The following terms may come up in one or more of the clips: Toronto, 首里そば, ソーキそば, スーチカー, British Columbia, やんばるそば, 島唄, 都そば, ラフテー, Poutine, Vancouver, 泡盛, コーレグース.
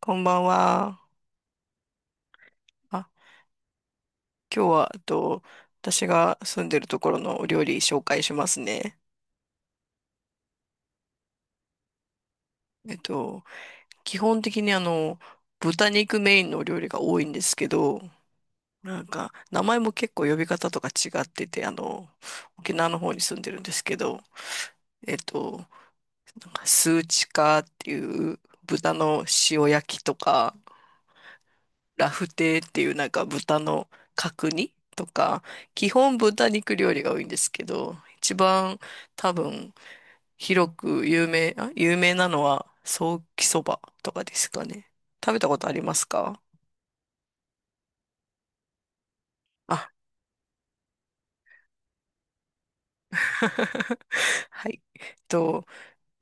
こんばんは。あ、今日は、私が住んでるところのお料理紹介しますね。えっと、基本的に豚肉メインのお料理が多いんですけど、なんか、名前も結構呼び方とか違ってて、沖縄の方に住んでるんですけど、えっと、なんかスーチカーっていう豚の塩焼きとか、ラフテーっていうなんか豚の角煮とか、基本豚肉料理が多いんですけど、一番多分広く有名なのはソーキそばとかですかね。食べたことありますか？あ、はい。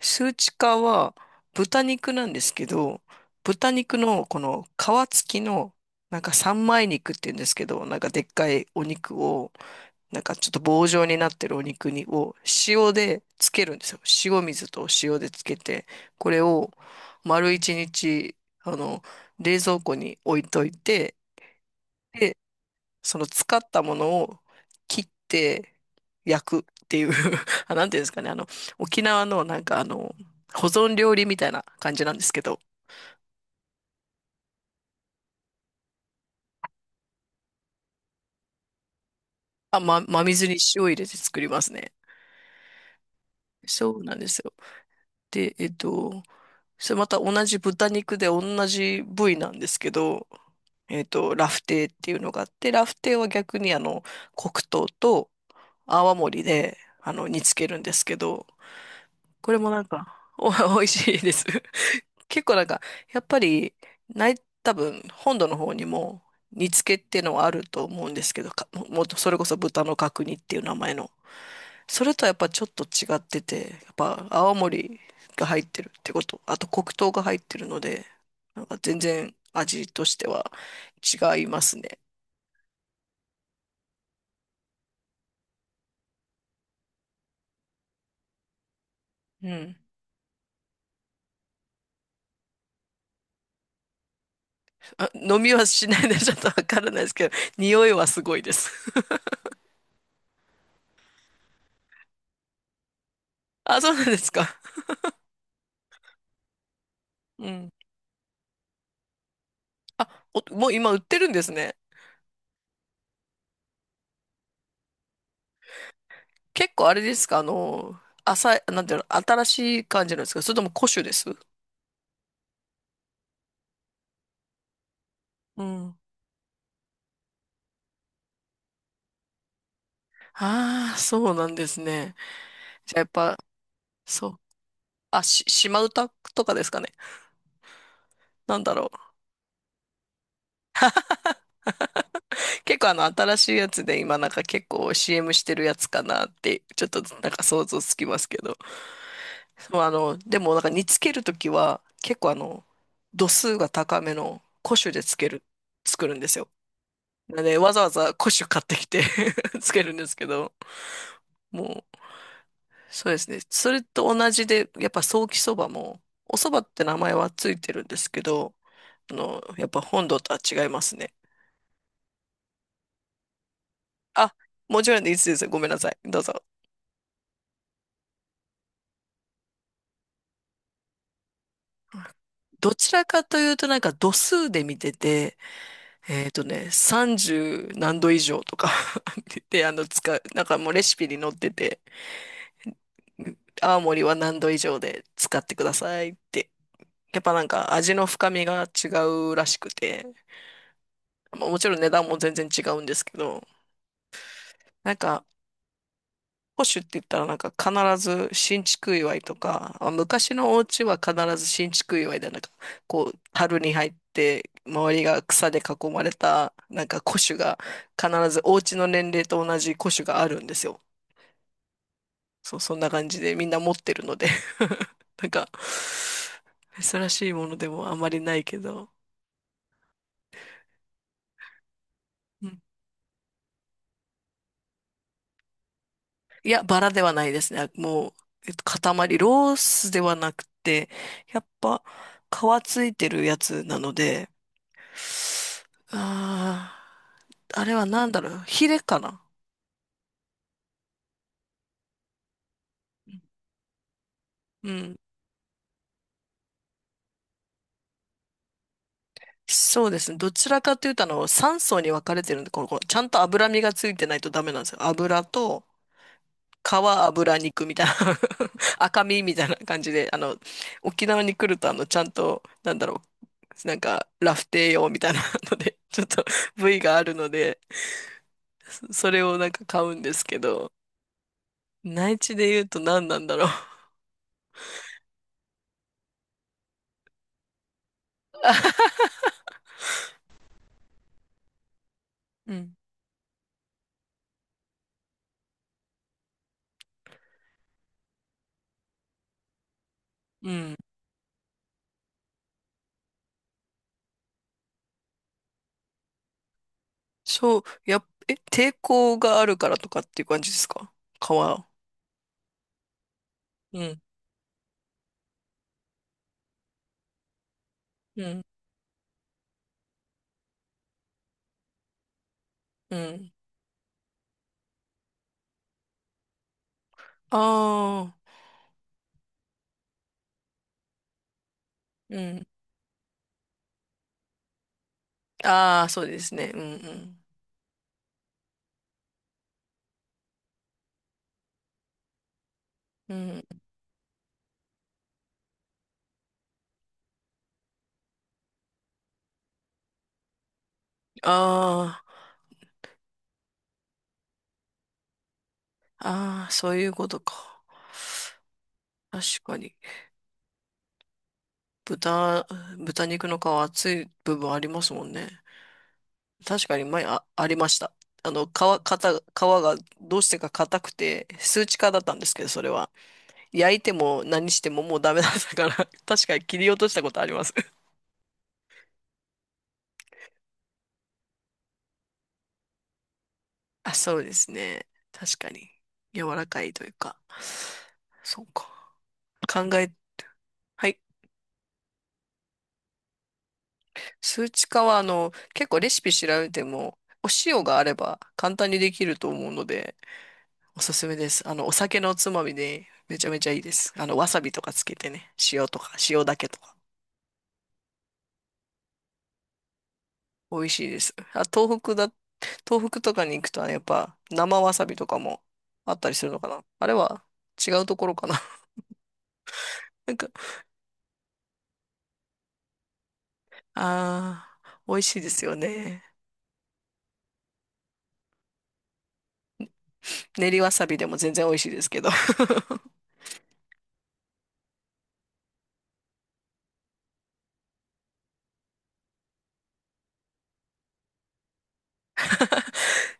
数値化は豚肉なんですけど、豚肉のこの皮付きのなんか三枚肉って言うんですけど、なんかでっかいお肉をなんかちょっと棒状になってるお肉にを塩でつけるんですよ。塩水と塩でつけて、これを丸一日、あの、冷蔵庫に置いといて、で、その使ったものを切って焼くっていう あ、なんていうんですかね、沖縄のなんか保存料理みたいな感じなんですけど、真水に塩入れて作りますね。そうなんですよ。で、それまた同じ豚肉で同じ部位なんですけど、ラフテーっていうのがあって、ラフテーは逆に黒糖と泡盛で、煮つけるんですけど、これもなんか、美味しいです。結構なんか、やっぱり、ない、多分、本土の方にも、煮付けっていうのはあると思うんですけど、もっとそれこそ豚の角煮っていう名前の。それとはやっぱちょっと違ってて、やっぱ青森が入ってるってこと、あと黒糖が入ってるので、なんか全然味としては違いますね。うん。あ、飲みはしないのでちょっとわからないですけど、匂いはすごいです。あ、そうなんですか。うん。あ、おもう今売ってるんですね。結構あれですか、浅い、なんていうの、新しい感じなんですか、それとも古酒ですうん。ああ、そうなんですね。じゃあやっぱ、そう。島唄とかですかね。なんだろう。結構新しいやつで今なんか結構 CM してるやつかなって、ちょっとなんか想像つきますけど。そうでもなんか煮つけるときは、結構度数が高めの古酒でつける、作るんですよ。なんで、わざわざ古酒買ってきて つけるんですけど、もう、そうですね。それと同じで、やっぱソーキそばも、おそばって名前はついてるんですけど、やっぱ本土とは違いますね。あ、もちろんでいいですよ。ごめんなさい。どうぞ。どちらかというとなんか度数で見てて、えっとね、30何度以上とか で、使う、なんかもうレシピに載ってて、青森は何度以上で使ってくださいって、やっぱなんか味の深みが違うらしくて、まあ、もちろん値段も全然違うんですけど、なんか、保守って言ったらなんか必ず新築祝いとか、まあ昔のお家は必ず新築祝いでなんか、こう、樽に入って、周りが草で囲まれた、なんか古酒が、必ずお家の年齢と同じ古酒があるんですよ。そう、そんな感じでみんな持ってるので なんか、珍しいものでもあまりないけど、いや、バラではないですね。もう、塊、ロースではなくて、やっぱ、皮ついてるやつなので、ああ、あれはなんだろう、ヒレかな？うん。そうですね。どちらかというと、3層に分かれてるんで、このちゃんと脂身がついてないとダメなんですよ。油と、皮、油、肉みたいな 赤身みたいな感じで、沖縄に来ると、ちゃんと、なんだろう、なんか、ラフテー用みたいなので、ちょっと部位があるので、そそれをなんか買うんですけど、内地で言うと何なんだろう。うん。うん。そう、やっ、え、抵抗があるからとかっていう感じですか？皮。うん。うん。うん。ああ、うん。ああ、そうですね。うんうん。うん。ああ、ああ、そういうことか。確かに。豚、豚肉の皮厚い部分ありますもんね。確かに前あ、ありました。あの、皮、皮がどうしてか硬くて、数値化だったんですけど、それは。焼いても何してももうダメだったから、確かに切り落としたことあります。あ、そうですね。確かに。柔らかいというか。そうか。考え、はい。数値化は、結構レシピ調べても、お塩があれば簡単にできると思うので、おすすめです。お酒のおつまみでめちゃめちゃいいです。わさびとかつけてね、塩とか、塩だけとか、美味しいです。東北とかに行くとね、やっぱ生わさびとかもあったりするのかな。あれは違うところかな。なんか、あー、美味しいですよね。練りわさびでも全然美味しいですけど。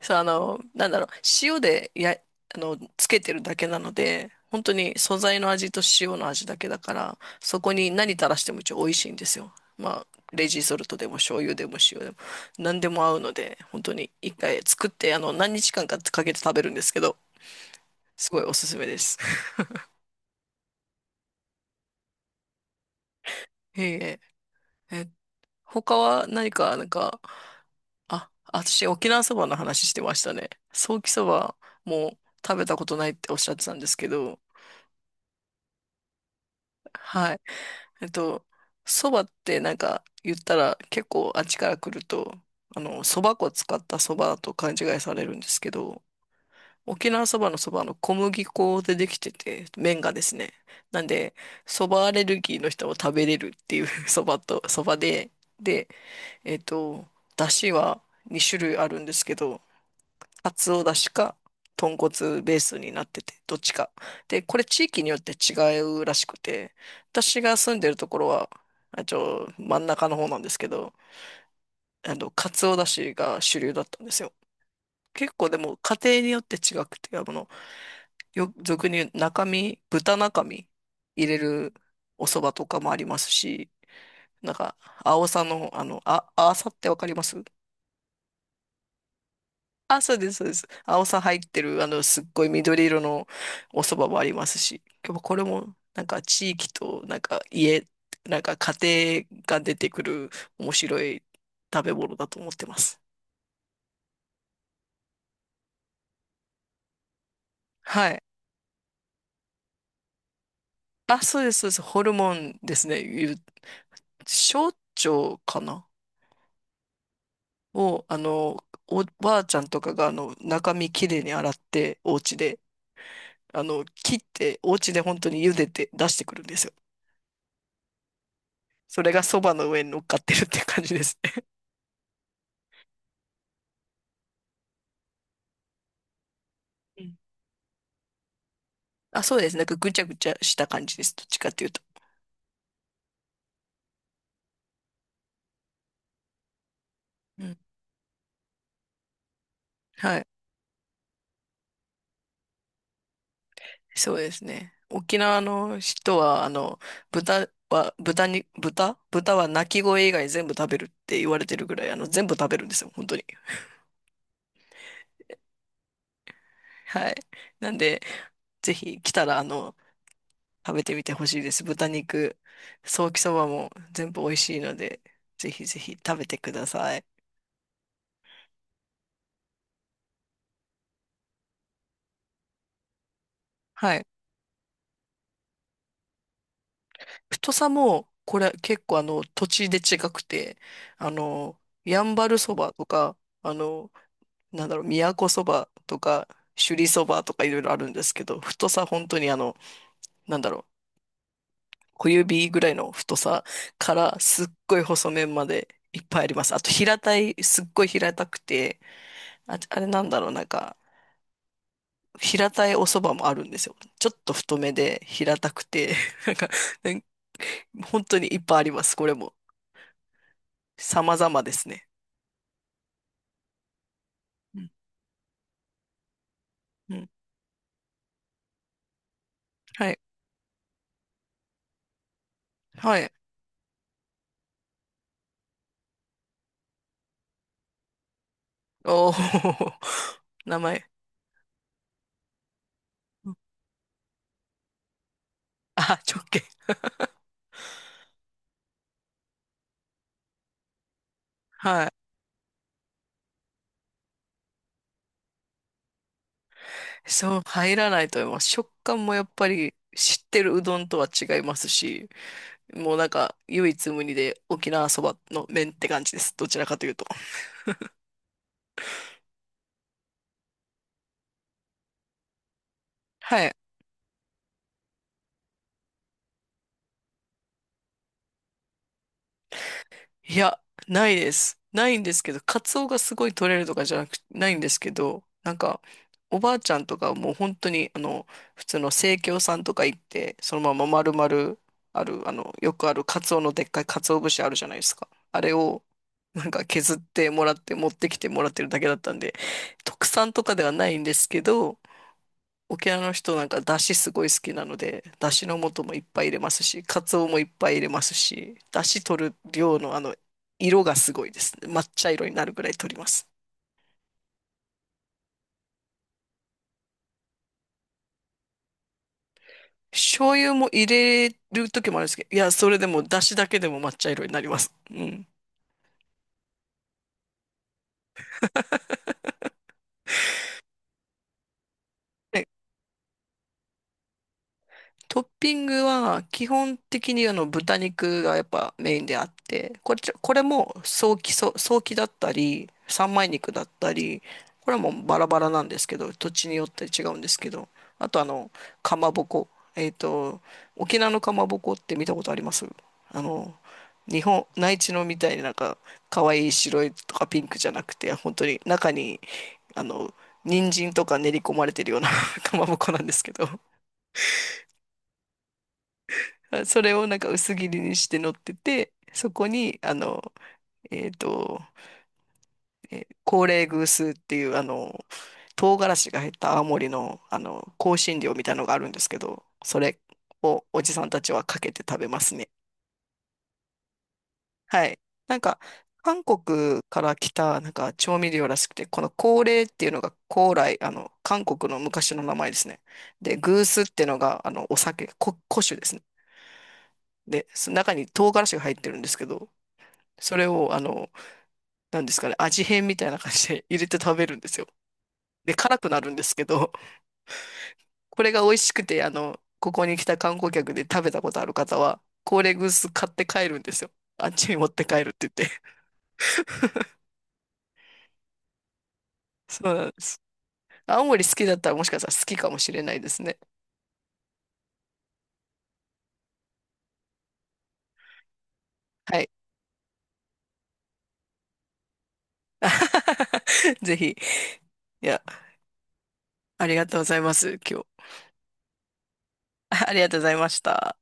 そう、なんだろう、塩でや、あの、つけてるだけなので、本当に素材の味と塩の味だけだから、そこに何垂らしても一応美味しいんですよ。まあ、レジソルトでも醤油でも塩でも、何でも合うので、本当に一回作って、何日間かかけて食べるんですけど、すごいおすすめです。いえいえ、え、他は何か、なんか、あ、私、沖縄そばの話してましたね。ソーキそばも食べたことないっておっしゃってたんですけど、はい。えっと、そばってなんか言ったら結構あっちから来ると、そば粉使ったそばと勘違いされるんですけど、沖縄そばのそばの小麦粉でできてて、麺がですね。なんで、そばアレルギーの人も食べれるっていう そばと、そばで、で、えっと、だしは2種類あるんですけど、カツオだしか、豚骨ベースになってて、どっちか。で、これ地域によって違うらしくて、私が住んでるところは、真ん中の方なんですけど、カツオだしが主流だったんですよ。結構でも家庭によって違くて、俗に言う中身、豚中身入れるお蕎麦とかもありますし、なんか、青さの、あさってわかります？あ、そうです、そうです。青さ入ってる、すっごい緑色のお蕎麦もありますし、今日はこれも、なんか地域と、なんか家庭が出てくる面白い食べ物だと思ってます。はい。あ、そうです、そうです。ホルモンですね。小腸かな？を、おばあちゃんとかが、中身きれいに洗って、お家で、切って、お家で本当に茹でて出してくるんですよ。それが蕎麦の上に乗っかってるって感じですね。あ、そうですね。なんかぐちゃぐちゃした感じです。どっちかっていうと。うん。はい。そうですね。沖縄の人は、豚は、豚に、豚豚は鳴き声以外全部食べるって言われてるぐらい、全部食べるんですよ。本当に。はい。なんで、ぜひ来たら、食べてみてほしいです。豚肉、ソーキそばも全部美味しいので、ぜひぜひ食べてください。はい。太さも、これ結構土地で違くて、あの、やんばるそばとか、あの、なんだろう、都そばとか、首里そばとかいろいろあるんですけど、太さ本当になんだろう、小指ぐらいの太さからすっごい細麺までいっぱいあります。あと平たい、すっごい平たくて、あ、あれなんだろう、なんか、平たいお蕎麦もあるんですよ。ちょっと太めで平たくて、なんか、なん本当にいっぱいあります、これも。様々ですね。うん、うん。はい、はい。おお 名前。あ、直径。はい。そう、入らないと思います。食感もやっぱり知ってるうどんとは違いますし、もうなんか唯一無二で沖縄そばの麺って感じです。どちらかというと。はい。いや、ないです。ないんですけど、カツオがすごい取れるとかじゃなく、ないんですけど、なんか、おばあちゃんとかはもう本当に、普通の生協さんとか行って、そのまま丸々ある、よくあるカツオのでっかいカツオ節あるじゃないですか。あれを、なんか削ってもらって、持ってきてもらってるだけだったんで、特産とかではないんですけど、沖縄の人なんか出汁すごい好きなので、出汁の素もいっぱい入れますし、カツオもいっぱい入れますし、出汁取る量の色がすごいですね。抹茶色になるぐらい取ります。醤油も入れる時もあるんですけど、いや、それでも出汁だけでも抹茶色になります。うん。トッピングは基本的にあの豚肉がやっぱメインであって、これも早期、早期だったり、三枚肉だったり、これはもうバラバラなんですけど、土地によって違うんですけど、あとかまぼこ。えっと、沖縄のかまぼこって見たことありますあの、日本、内地のみたいになんか、可愛い白いとかピンクじゃなくて、本当に中に、あの、人参とか練り込まれてるような かまぼこなんですけど、あそれをなんか薄切りにして乗ってて、そこに、えっと、高麗グースっていう、唐辛子が入った青森の、香辛料みたいのがあるんですけど、それをおじさんたちはかけて食べますね。はい。なんか、韓国から来た、なんか、調味料らしくて、この高麗っていうのが、高麗、韓国の昔の名前ですね。で、グースっていうのが、お酒、古酒ですね。で、その中に唐辛子が入ってるんですけど、それを、なんですかね、味変みたいな感じで入れて食べるんですよ。で、辛くなるんですけど、これが美味しくて、ここに来た観光客で食べたことある方は、コーレグース買って帰るんですよ。あっちに持って帰るって言って。そうなんです。青森好きだったらもしかしたら好きかもしれないですね。はい。ぜひ。いや、ありがとうございます、今日。ありがとうございました。